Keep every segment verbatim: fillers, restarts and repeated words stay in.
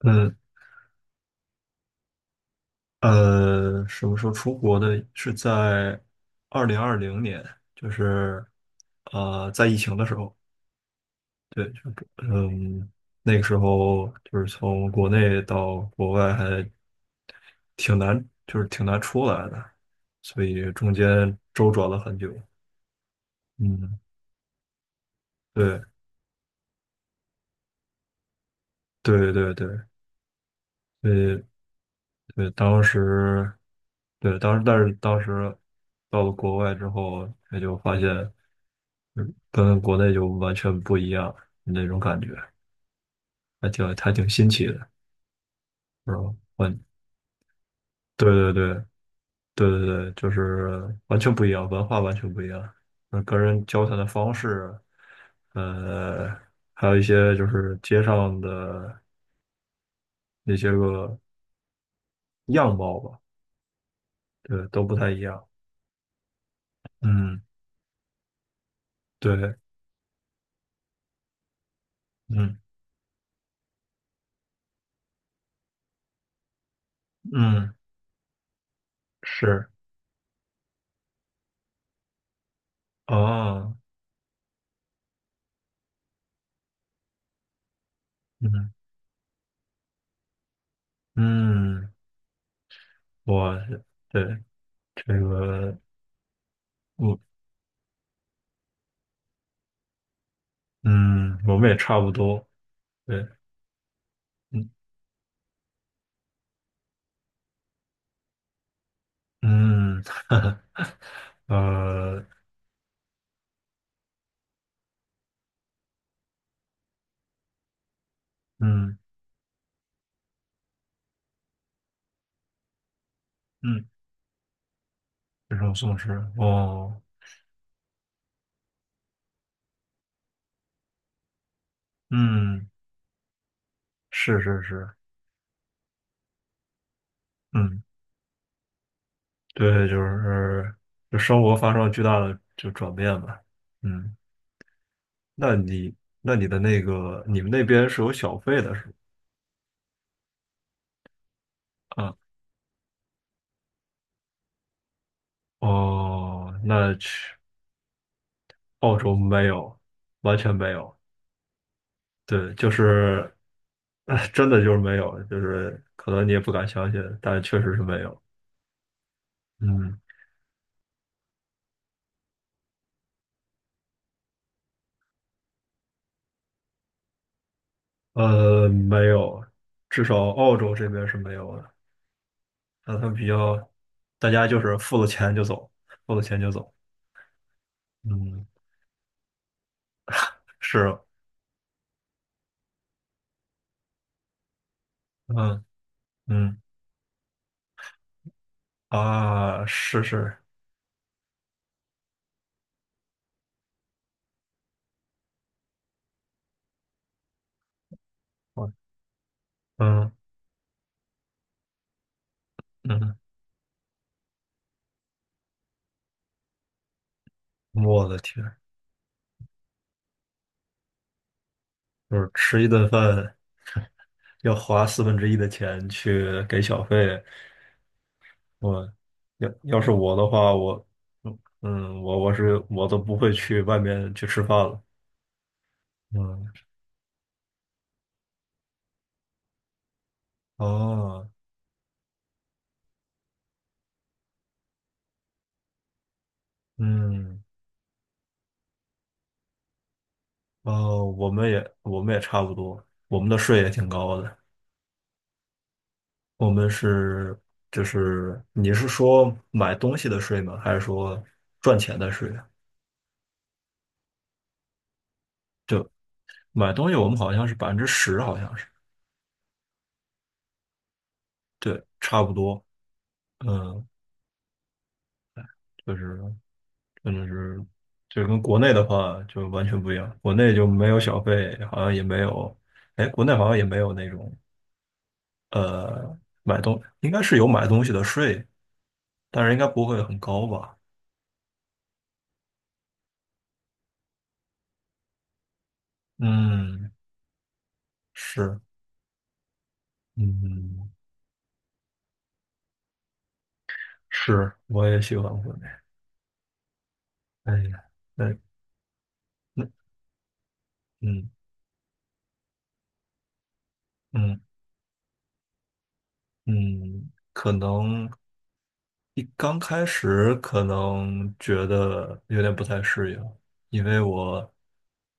嗯呃，什么时候出国的？是在二零二零年，就是呃，在疫情的时候，对，就嗯，那个时候就是从国内到国外还挺难，就是挺难出来的，所以中间周转了很久。嗯，对对对对，对对，当时对当时但是当时到了国外之后，也就发现。嗯跟国内就完全不一样那种感觉，还挺还挺新奇的，是吧？完，对对对对对对，就是完全不一样，文化完全不一样，嗯，跟人交谈的方式，呃，还有一些就是街上的那些个样貌吧，对，都不太一样。嗯，对，嗯嗯，是，哦，嗯嗯，我，对，这个。嗯，嗯，我们也差不多。对，嗯嗯，呃，嗯嗯，这种松弛。哦，嗯，是是是，嗯，对，就是就生活发生了巨大的就转变吧。嗯，那你那你的那个你们那边是有小费的是吧？啊，哦，那去澳洲没有，完全没有。对，就是，哎，真的就是没有，就是可能你也不敢相信，但确实是没有。嗯，呃，没有，至少澳洲这边是没有的。那他们比较，大家就是付了钱就走，付了钱就走。嗯，是，嗯嗯啊，是是，我嗯嗯，我的天。就是吃一顿饭要花四分之一的钱去给小费，我，要要是我的话，我嗯嗯我我是我都不会去外面去吃饭了。嗯，哦，嗯，哦，我们也我们也差不多，我们的税也挺高的。我们是就是你是说买东西的税吗？还是说赚钱的税啊？买东西我们好像是百分之十，好像是。对，差不多。嗯，就是。那就是就跟国内的话就完全不一样，国内就没有小费，好像也没有，哎，国内好像也没有那种呃买东，应该是有买东西的税，但是应该不会很高吧？嗯，是，嗯，是，我也喜欢国内。哎呀，那那嗯嗯嗯，可能一刚开始可能觉得有点不太适应，因为我，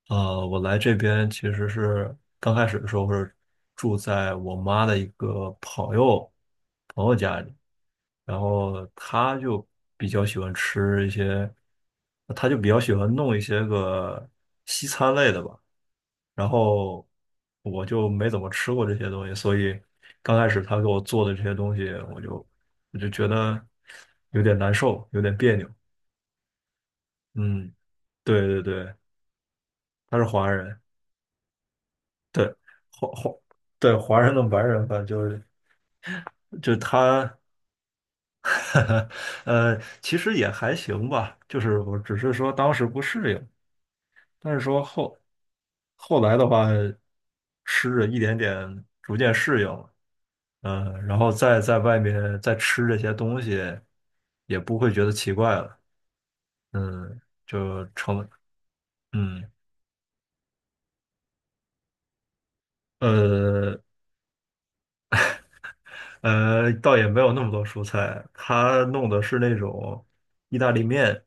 呃，我来这边其实是刚开始的时候是住在我妈的一个朋友朋友家里，然后她就比较喜欢吃一些，她就比较喜欢弄一些个西餐类的吧，然后我就没怎么吃过这些东西，所以刚开始她给我做的这些东西，我就我就觉得有点难受，有点别扭。嗯，对对对，她是华人。对，华华对，华人跟白人吧，就是就他，呃，其实也还行吧，就是我只是说当时不适应，但是说后后来的话，吃着一点点逐渐适应了。嗯、然后再在外面再吃这些东西，也不会觉得奇怪了。嗯，就成，嗯。呃呃，倒也没有那么多蔬菜，他弄的是那种意大利面，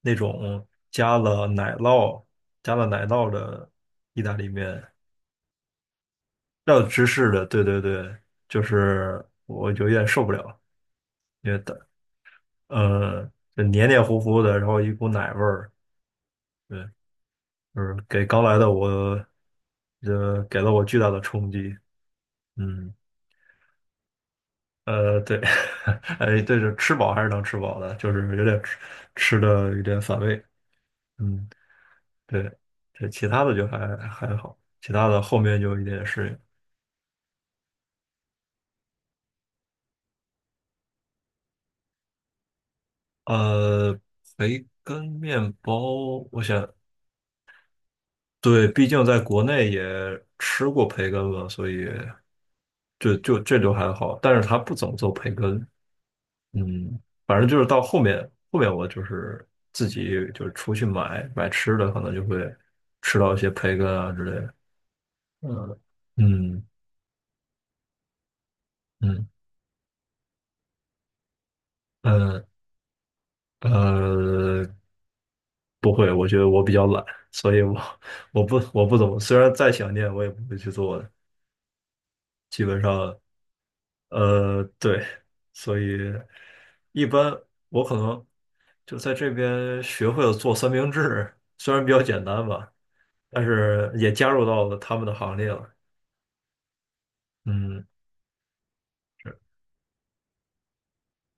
那种加了奶酪、加了奶酪的意大利面，要有芝士的，对对对，就是我有点受不了，因为的，呃，就黏黏糊糊的，然后一股奶味儿。对，就是给刚来的我，呃，给了我巨大的冲击。嗯，呃，对，哎，对，就吃饱还是能吃饱的，就是有点吃吃的有点反胃。嗯，对，这其他的就还还好，其他的后面就有一点适应。呃，培根面包，我想，对，毕竟在国内也吃过培根嘛，所以就就这就还好，但是他不怎么做培根。嗯，反正就是到后面后面我就是自己就是出去买买吃的，可能就会吃到一些培根啊之类的。嗯嗯嗯，呃呃，不会，我觉得我比较懒，所以我我不我不怎么，虽然再想念，我也不会去做的。基本上，呃，对，所以一般我可能就在这边学会了做三明治，虽然比较简单吧，但是也加入到了他们的行列了。嗯，是，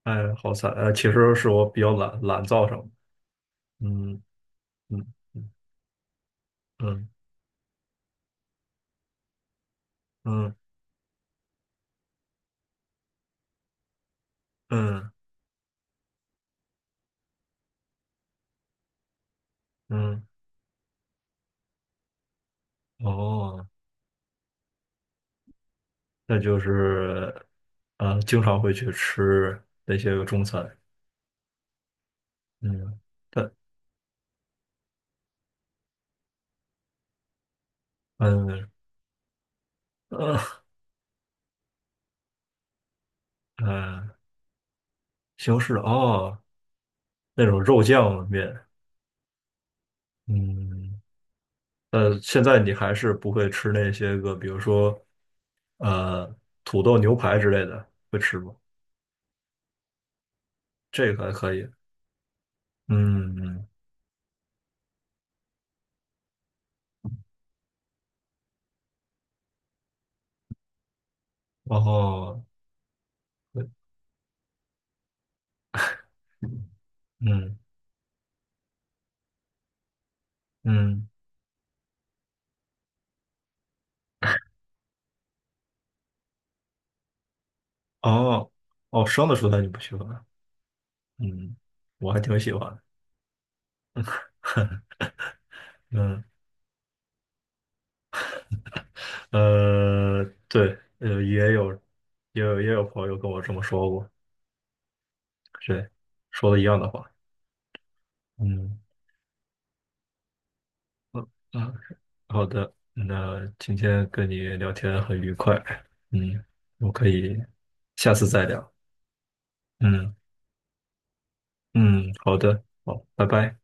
哎，好惨，呃，其实是我比较懒懒造成的。嗯嗯嗯嗯嗯嗯，嗯，哦，那就是啊，经常会去吃那些个中餐。嗯，但嗯嗯。呃哎，西红柿。哦，那种肉酱面。嗯，呃，现在你还是不会吃那些个，比如说呃土豆牛排之类的，会吃吗？这个还可以，嗯嗯，然后嗯嗯，哦，哦，生的蔬菜你不喜欢啊。嗯，我还挺喜欢的。嗯呃，对，呃，也有也有也有朋友跟我这么说过，对，说的一样的话。嗯嗯好的，那今天跟你聊天很愉快。嗯，我可以下次再聊，嗯嗯，好的，好，拜拜。